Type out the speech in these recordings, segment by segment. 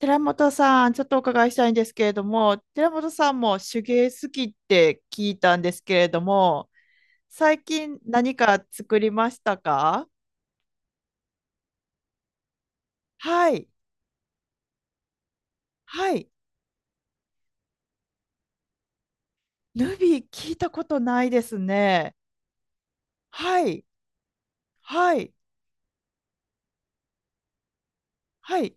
寺本さん、ちょっとお伺いしたいんですけれども、寺本さんも手芸好きって聞いたんですけれども、最近何か作りましたか？はい、はい。ヌビ聞いたことないですね。はい、はい、はい。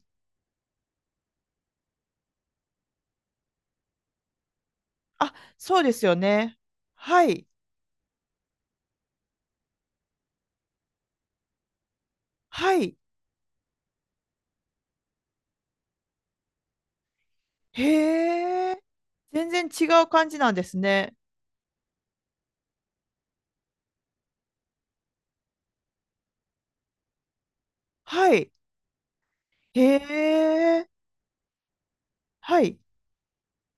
あ、そうですよね。はい、はい。へえ。全然違う感じなんですね。はい。へえ。はい。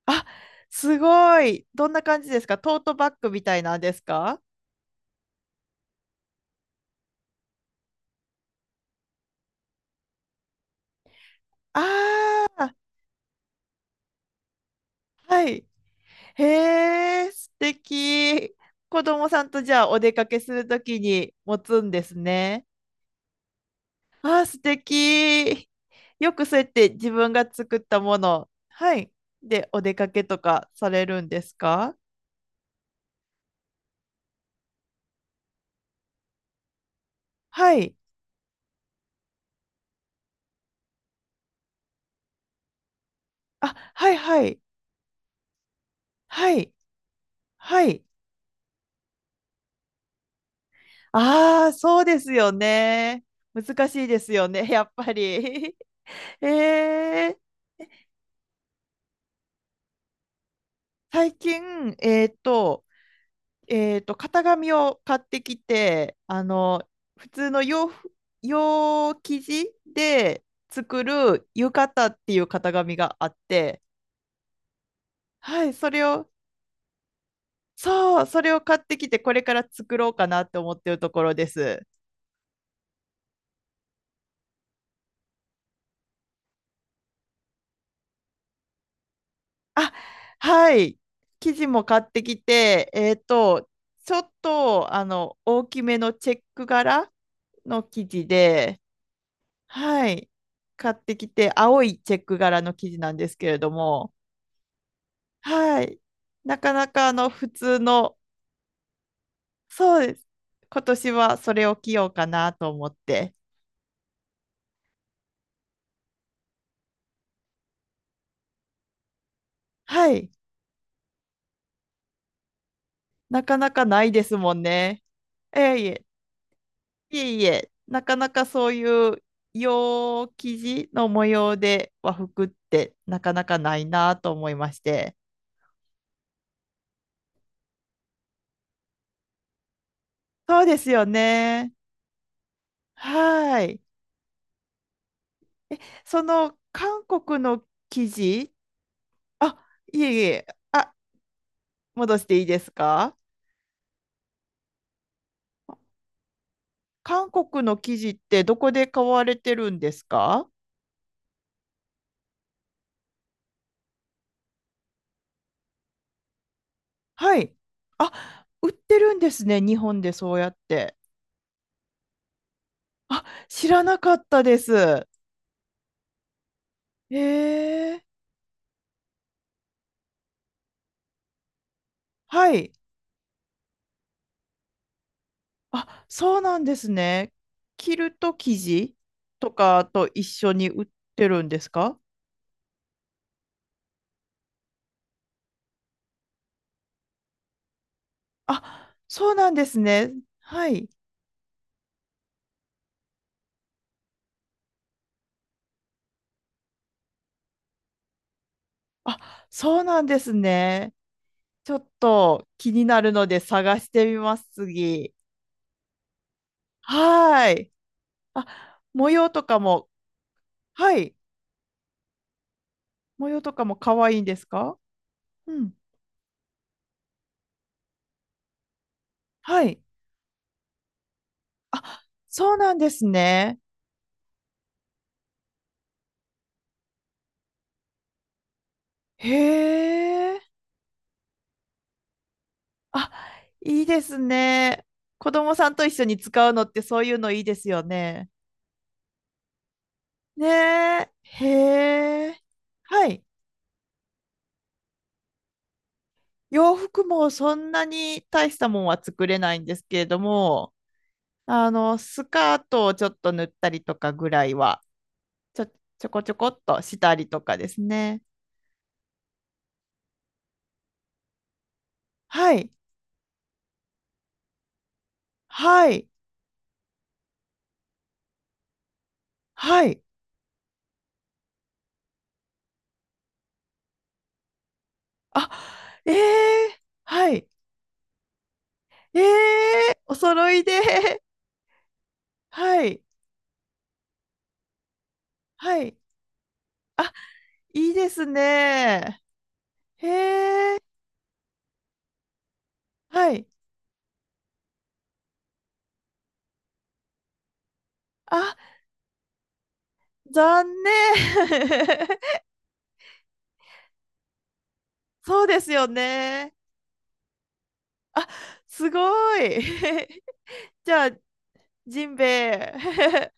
あ、すごい。どんな感じですか？トートバッグみたいなんですか？ああー、はい。へえ、素敵。子供さんとじゃあお出かけするときに持つんですね。あー、素敵。よくそうやって自分が作ったもの、はい。で、お出かけとかされるんですか？はい。あ、はいはい。はい。はい。ああ、そうですよね。難しいですよね、やっぱり。えー、最近、型紙を買ってきて、普通の洋服、洋生地で作る浴衣っていう型紙があって、はい、それを、そう、それを買ってきて、これから作ろうかなって思ってるところです。あ、はい、生地も買ってきて、ちょっと、大きめのチェック柄の生地で、はい。買ってきて、青いチェック柄の生地なんですけれども、はい。なかなか普通の、そうです。今年はそれを着ようかなと思って。はい。なかなかないですもんね。ええいえ、いえいえ、なかなかそういう洋生地の模様で和服ってなかなかないなと思いまして。そうですよね。はい。その韓国の生地、あ、いえいえ、あ、戻していいですか？韓国の生地ってどこで買われてるんですか？はい。あ、売ってるんですね、日本でそうやって。あ、知らなかったです。へえ、はい。あ、そうなんですね。キルト生地とかと一緒に売ってるんですか？あ、そうなんですね。はい。あ、そうなんですね。ちょっと気になるので探してみます、次。はーい。あ、模様とかも、はい。模様とかも可愛いんですか？うん。はい。あ、そうなんですね。へえ。あ、いいですね。子供さんと一緒に使うのってそういうのいいですよね。ねえ。へえ。はい。洋服もそんなに大したもんは作れないんですけれども、スカートをちょっと塗ったりとかぐらいは、ちょ、ちょこちょこっとしたりとかですね。はい、はい、はい。あ、ええはい、ええお揃いで、はい、はい。あ、いいですね。へえ、はい。あ、残念。そうですよね。あ、すごい。じゃあ、ジンベエ。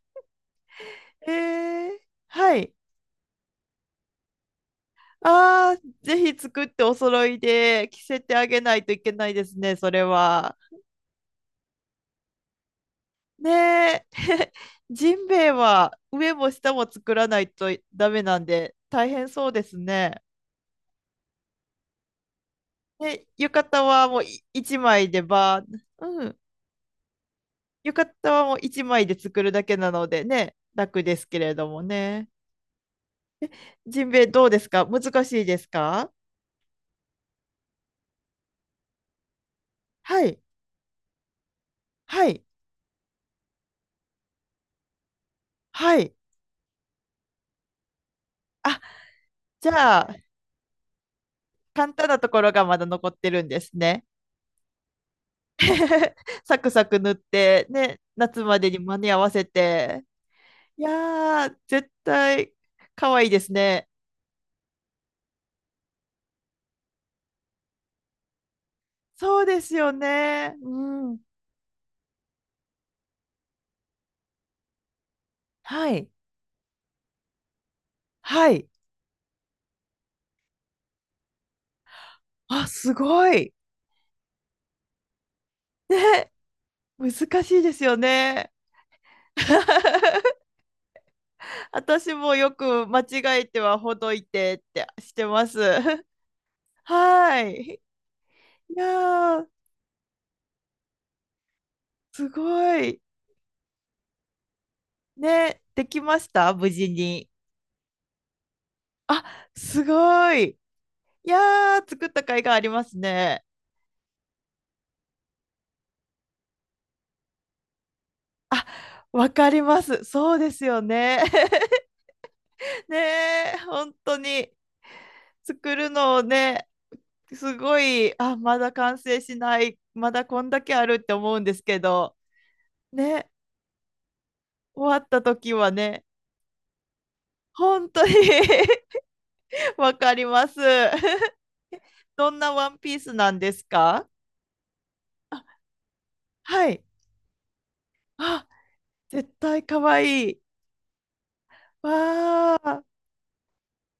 えー、はい。ああ、ぜひ作ってお揃いで着せてあげないといけないですね、それは。ねえ、ジンベエは上も下も作らないとダメなんで大変そうですね。で、浴衣はもうい一枚でば、うん、浴衣はもう一枚で作るだけなのでね、楽ですけれどもね。ジンベエどうですか？難しいですか？はい、はい、はい。あ、じゃあ、簡単なところがまだ残ってるんですね。サクサク塗って、ね、夏までに間に合わせて。いやー、絶対可愛いですね。そうですよね。うん。はい。はい。あ、すごい。ね、難しいですよね。私もよく間違えてはほどいてってしてます。はい。いやー、すごい。ね、できました無事に。あ、すごい。いやー、作った甲斐がありますね。わかります。そうですよね。ねえ、本当に。作るのをね、すごい、あ、まだ完成しない、まだこんだけあるって思うんですけど、ね、終わった時はね、本当に わかります。どんなワンピースなんですか？はい。あ、絶対可愛いい。わあ、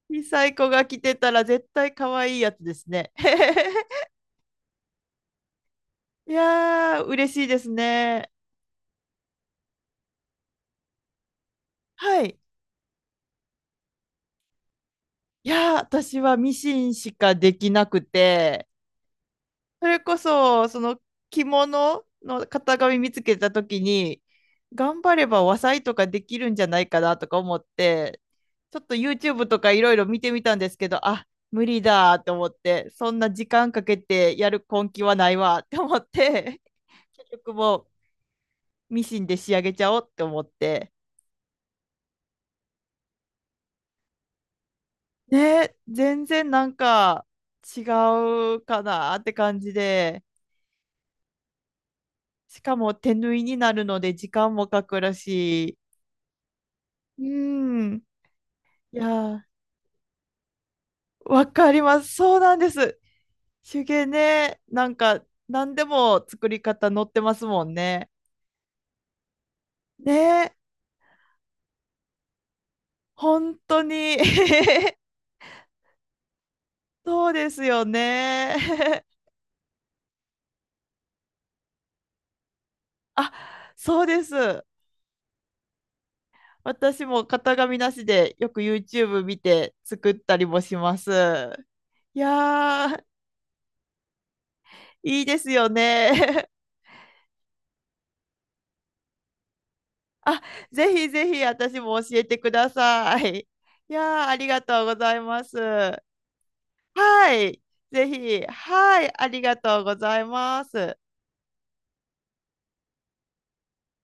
小さい子が着てたら絶対可愛いいやつですね。いやー、嬉しいですね。はい。いやー、私はミシンしかできなくて、それこそ、その着物の型紙見つけたときに、頑張れば和裁とかできるんじゃないかなとか思って、ちょっと YouTube とかいろいろ見てみたんですけど、あ、無理だと思って、そんな時間かけてやる根気はないわって思って、結局もうミシンで仕上げちゃおうって思って、ね、全然なんか違うかなって感じで、しかも手縫いになるので時間もかかるし、うん、いやー、わかります。そうなんです。手芸ね、なんか何でも作り方載ってますもんね。ね、本当に そうですよね。あ、そうです。私も型紙なしでよく YouTube 見て作ったりもします。いやー、いいですよね。あ、ぜひぜひ私も教えてください。いやー、ありがとうございます。はい、ぜひ、はい、ありがとうございます。